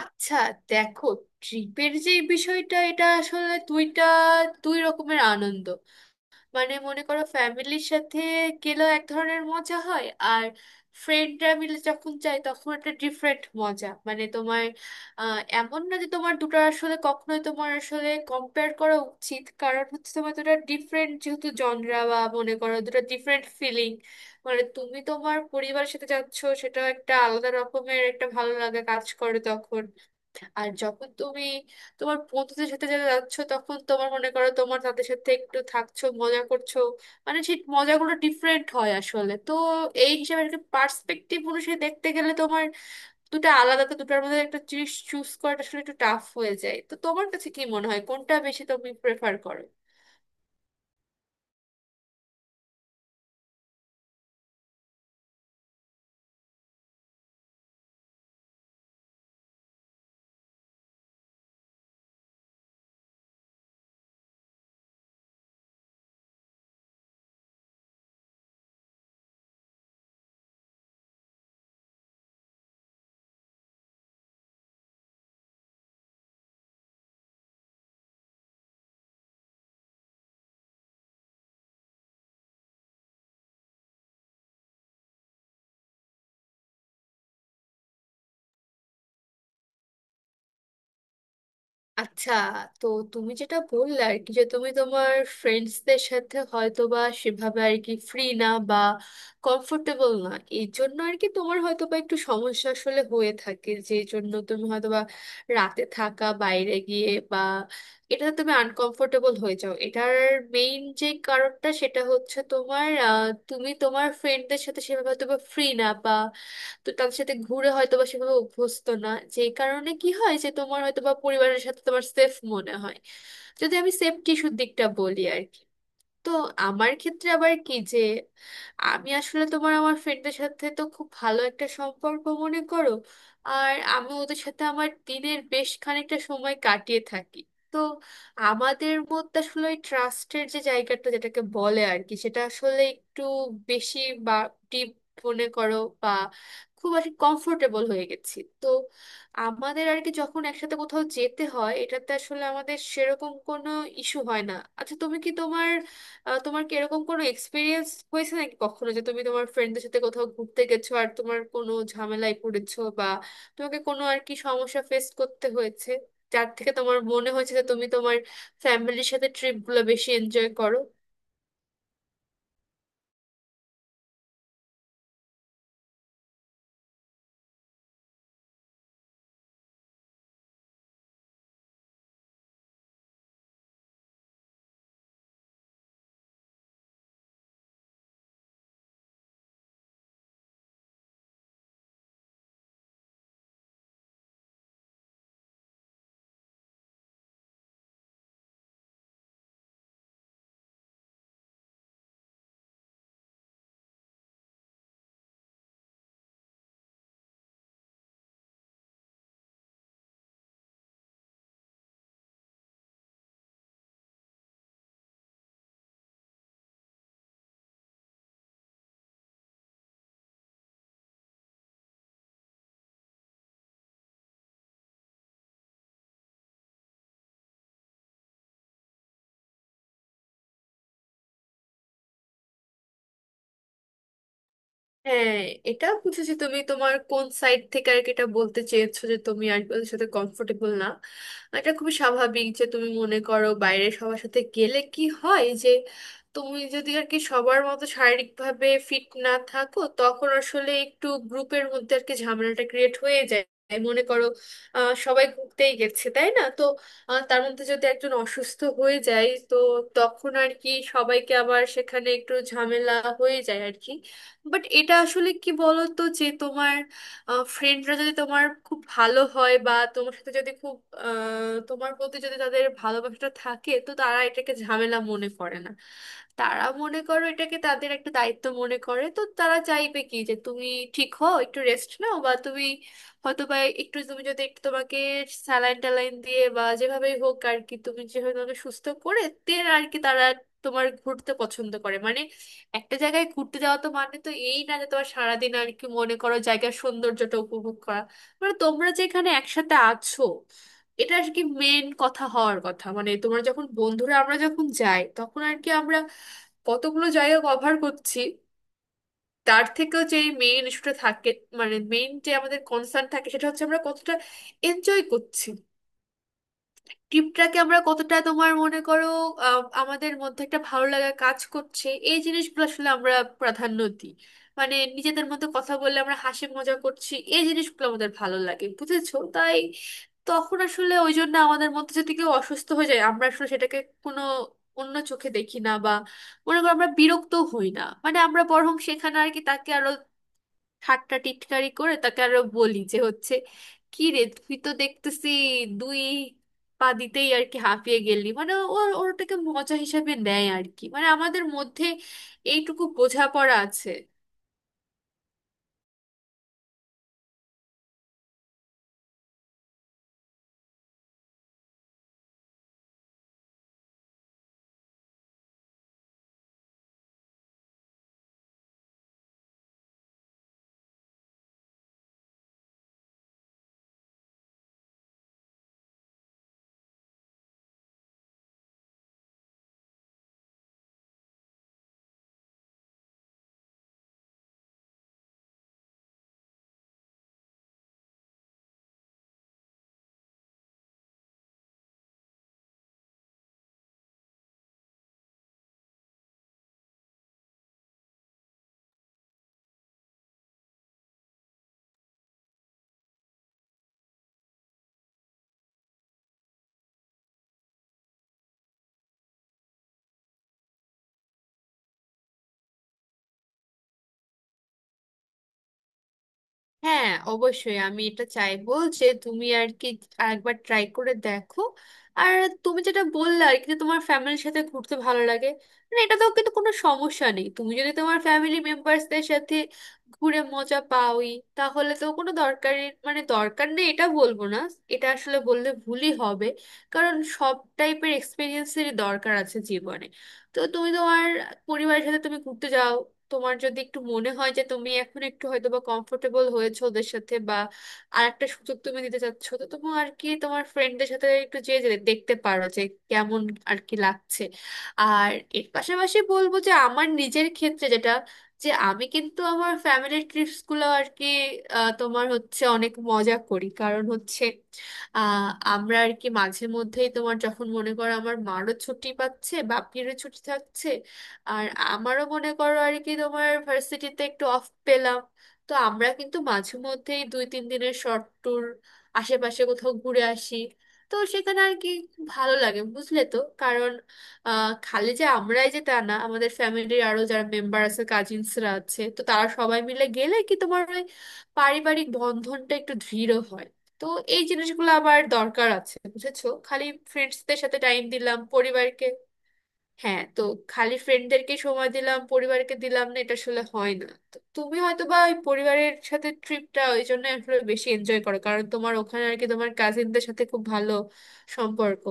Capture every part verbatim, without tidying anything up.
আচ্ছা, দেখো, ট্রিপের যে বিষয়টা এটা আসলে দুইটা দুই রকমের আনন্দ। মানে মনে করো, ফ্যামিলির সাথে গেলেও এক ধরনের মজা হয়, আর ফ্রেন্ডরা মিলে যখন যায় তখন একটা ডিফারেন্ট মজা। মানে তোমার আহ, এমন না যে তোমার দুটো আসলে কখনোই তোমার আসলে কম্পেয়ার করা উচিত, কারণ হচ্ছে তোমার দুটো ডিফারেন্ট, যেহেতু জনরা, বা মনে করো দুটো ডিফারেন্ট ফিলিং। মানে তুমি তোমার পরিবারের সাথে যাচ্ছ, সেটা একটা আলাদা রকমের একটা ভালো লাগা কাজ করে তখন। আর যখন তুমি তোমার বন্ধুদের সাথে যারা যাচ্ছ, তখন তোমার মনে করো তোমার তাদের সাথে একটু থাকছো, মজা করছো। মানে সেই মজাগুলো ডিফারেন্ট হয় আসলে। তো এই হিসাবে একটা পার্সপেক্টিভ অনুসারে দেখতে গেলে তোমার দুটো আলাদা, তো দুটার মধ্যে একটা জিনিস চুজ করাটা আসলে একটু টাফ হয়ে যায়। তো তোমার কাছে কি মনে হয়, কোনটা বেশি তুমি প্রেফার করো? আচ্ছা, তো তুমি যেটা বললে আর কি, যে তুমি তোমার ফ্রেন্ডসদের সাথে হয়তো বা সেভাবে আর কি ফ্রি না, বা কমফোর্টেবল না, এই জন্য আর কি তোমার হয়তো বা একটু সমস্যা আসলে হয়ে থাকে, যে জন্য তুমি হয়তো বা রাতে থাকা বাইরে গিয়ে বা এটাতে তুমি আনকমফোর্টেবল হয়ে যাও। এটার মেইন যে কারণটা সেটা হচ্ছে তোমার আহ, তুমি তোমার ফ্রেন্ডদের সাথে সেভাবে হয়তো বা ফ্রি না, তো তাদের সাথে ঘুরে হয়তো বা সেভাবে অভ্যস্ত না। যেই কারণে কি হয়, যে তোমার হয়তো বা পরিবারের সাথে তোমার সেফ মনে হয়, যদি আমি সেফটি ইস্যুর দিকটা বলি আর কি। তো আমার ক্ষেত্রে আবার কি, যে আমি আসলে তোমার আমার ফ্রেন্ডদের সাথে তো খুব ভালো একটা সম্পর্ক মনে করো, আর আমি ওদের সাথে আমার দিনের বেশ খানিকটা সময় কাটিয়ে থাকি। তো আমাদের মধ্যে আসলে ওই ট্রাস্টের যে জায়গাটা, যেটাকে বলে আর কি, সেটা আসলে একটু বেশি বা ডিপ, মনে করো, বা খুব আর কমফোর্টেবল হয়ে গেছি। তো আমাদের আর কি যখন একসাথে কোথাও যেতে হয়, এটাতে আসলে আমাদের সেরকম কোনো ইস্যু হয় না। আচ্ছা, তুমি কি তোমার আহ, তোমার কি এরকম কোনো এক্সপিরিয়েন্স হয়েছে নাকি কখনো, যে তুমি তোমার ফ্রেন্ডদের সাথে কোথাও ঘুরতে গেছো আর তোমার কোনো ঝামেলায় পড়েছো, বা তোমাকে কোনো আর কি সমস্যা ফেস করতে হয়েছে, যার থেকে তোমার মনে হয়েছে যে তুমি তোমার ফ্যামিলির সাথে ট্রিপগুলো বেশি এনজয় করো? হ্যাঁ, এটা বুঝেছি, তুমি তোমার কোন সাইড থেকে আর কি এটা বলতে চেয়েছো, যে তুমি আর কি ওদের সাথে কমফোর্টেবল না। এটা খুবই স্বাভাবিক যে তুমি মনে করো বাইরে সবার সাথে গেলে কি হয়, যে তুমি যদি আর কি সবার মতো শারীরিকভাবে ফিট না থাকো, তখন আসলে একটু গ্রুপের মধ্যে আর কি ঝামেলাটা ক্রিয়েট হয়ে যায়। মনে করো, আহ, সবাই ঘুরতেই গেছে তাই না, তো আহ, তার মধ্যে যদি একজন অসুস্থ হয়ে যায়, তো তখন আর কি সবাইকে আবার সেখানে একটু ঝামেলা হয়ে যায় আর কি। বাট এটা আসলে কি বলতো, যে তোমার ফ্রেন্ডরা যদি তোমার খুব ভালো হয়, বা তোমার সাথে যদি খুব আহ, তোমার প্রতি যদি তাদের ভালোবাসাটা থাকে, তো তারা এটাকে ঝামেলা মনে করে না। তারা মনে করো এটাকে তাদের একটা দায়িত্ব মনে করে। তো তারা চাইবে কি, যে তুমি ঠিক হও, একটু রেস্ট নাও, বা তুমি হয়তো বা একটু তুমি যদি একটু তোমাকে স্যালাইন ট্যালাইন দিয়ে বা যেভাবেই হোক আর কি, তুমি যেভাবে তোমাকে সুস্থ করে দেন আর কি, তারা তোমার ঘুরতে পছন্দ করে। মানে একটা জায়গায় ঘুরতে যাওয়া, তো মানে তো এই না যে তোমার সারাদিন আর কি মনে করো জায়গার সৌন্দর্যটা উপভোগ করা, মানে তোমরা যেখানে একসাথে আছো এটা আর কি মেন কথা হওয়ার কথা। মানে তোমরা যখন বন্ধুরা, আমরা যখন যাই, তখন আর কি আমরা কতগুলো জায়গা কভার করছি তার থেকেও যে মেইন ইস্যুটা থাকে, মানে মেইন যে আমাদের কনসার্ন থাকে, সেটা হচ্ছে আমরা কতটা এনজয় করছি, টিমটাকে আমরা কতটা তোমার মনে করো আহ, আমাদের মধ্যে একটা ভালো লাগা কাজ করছে, এই জিনিসগুলো আসলে আমরা প্রাধান্য দিই। মানে নিজেদের মধ্যে কথা বললে আমরা হাসি মজা করছি, এই জিনিসগুলো আমাদের ভালো লাগে, বুঝেছো? তাই তখন আসলে ওই জন্য আমাদের মধ্যে যদি কেউ অসুস্থ হয়ে যায়, আমরা আসলে সেটাকে কোনো অন্য চোখে দেখি না, বা মনে করো আমরা বিরক্ত হই না। মানে আমরা বরং সেখানে আর কি তাকে আরো ঠাট্টা টিটকারি করে তাকে আরো বলি, যে হচ্ছে কি রে, তুই তো দেখতেছি দুই পা দিতেই আর কি হাঁপিয়ে গেলি। মানে ওর ওটাকে মজা হিসাবে নেয় আর কি, মানে আমাদের মধ্যে এইটুকু বোঝাপড়া আছে। হ্যাঁ, অবশ্যই আমি এটা চাইবো যে তুমি আর কি একবার ট্রাই করে দেখো। আর তুমি যেটা বললে আর কি, যে তোমার ফ্যামিলির সাথে ঘুরতে ভালো লাগে, মানে এটা তো কিন্তু কোনো সমস্যা নেই। তুমি যদি তোমার ফ্যামিলি মেম্বার্সদের সাথে ঘুরে মজা পাওই, তাহলে তো কোনো দরকারই মানে দরকার নেই এটা বলবো না, এটা আসলে বললে ভুলই হবে। কারণ সব টাইপের এক্সপিরিয়েন্সেরই দরকার আছে জীবনে। তো তুমি তোমার পরিবারের সাথে তুমি ঘুরতে যাও, তোমার যদি একটু মনে হয় যে তুমি এখন একটু হয়তো বা কমফোর্টেবল হয়েছো ওদের সাথে, বা আরেকটা সুযোগ তুমি দিতে চাচ্ছ, তো তুমি আর কি তোমার ফ্রেন্ডদের সাথে একটু যেয়ে যে দেখতে পারো, যে কেমন আর কি লাগছে। আর এর পাশাপাশি বলবো, যে আমার নিজের ক্ষেত্রে যেটা, যে আমি কিন্তু আমার ফ্যামিলির ট্রিপস গুলো আর কি আহ, তোমার হচ্ছে অনেক মজা করি, কারণ হচ্ছে আহ আমরা আর কি মাঝে মধ্যেই তোমার যখন মনে করো আমার মারও ছুটি পাচ্ছে, বাপিরও ছুটি থাকছে, আর আমারও মনে করো আর কি তোমার ভার্সিটিতে একটু অফ পেলাম, তো আমরা কিন্তু মাঝে মধ্যেই দুই তিন দিনের শর্ট ট্যুর আশেপাশে কোথাও ঘুরে আসি। তো সেখানে আর কি ভালো লাগে, বুঝলে? তো কারণ আহ, খালি যে আমরাই যে তা না, আমাদের ফ্যামিলির আরো যারা মেম্বার আছে, কাজিনসরা আছে, তো তারা সবাই মিলে গেলে কি তোমার ওই পারিবারিক বন্ধনটা একটু দৃঢ় হয়। তো এই জিনিসগুলো আবার দরকার আছে, বুঝেছো? খালি ফ্রেন্ডসদের সাথে টাইম দিলাম পরিবারকে, হ্যাঁ, তো খালি ফ্রেন্ডদেরকে সময় দিলাম, পরিবারকে দিলাম না, এটা আসলে হয় না। তো তুমি হয়তো বা ওই পরিবারের সাথে ট্রিপটা ওই জন্য আসলে বেশি এনজয় করো, কারণ তোমার ওখানে আর কি তোমার কাজিনদের সাথে খুব ভালো সম্পর্ক।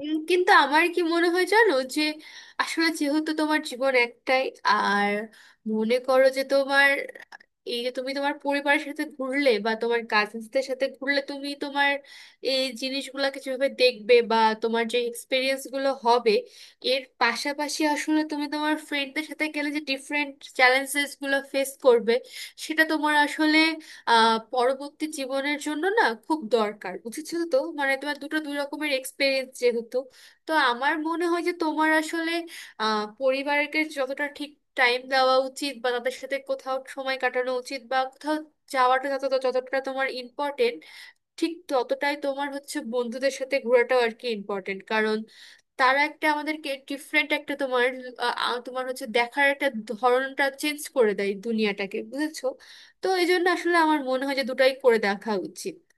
উম, কিন্তু আমার কি মনে হয় জানো, যে আসলে যেহেতু তোমার জীবন একটাই, আর মনে করো যে তোমার এই যে তুমি তোমার পরিবারের সাথে ঘুরলে বা তোমার কাজিনসদের সাথে ঘুরলে, তুমি তোমার এই জিনিসগুলোকে যেভাবে দেখবে, বা তোমার যে এক্সপিরিয়েন্স গুলো হবে, এর পাশাপাশি আসলে তুমি তোমার ফ্রেন্ডদের সাথে গেলে যে ডিফারেন্ট চ্যালেঞ্জেস গুলো ফেস করবে, সেটা তোমার আসলে আহ পরবর্তী জীবনের জন্য না খুব দরকার, বুঝেছো? তো মানে তোমার দুটো দুই রকমের এক্সপিরিয়েন্স যেহেতু, তো আমার মনে হয় যে তোমার আসলে আহ পরিবারকে যতটা ঠিক টাইম দেওয়া উচিত বা তাদের সাথে কোথাও সময় কাটানো উচিত বা কোথাও যাওয়াটা যত যতটা তোমার ইম্পর্টেন্ট, ঠিক ততটাই তোমার হচ্ছে বন্ধুদের সাথে ঘোরাটাও আর কি ইম্পর্টেন্ট। কারণ তারা একটা আমাদেরকে ডিফারেন্ট একটা তোমার আহ, আহ, তোমার হচ্ছে দেখার একটা ধরনটা চেঞ্জ করে দেয় দুনিয়াটাকে, বুঝেছো? তো এই জন্য আসলে আমার মনে হয় যে দুটাই করে দেখা উচিত।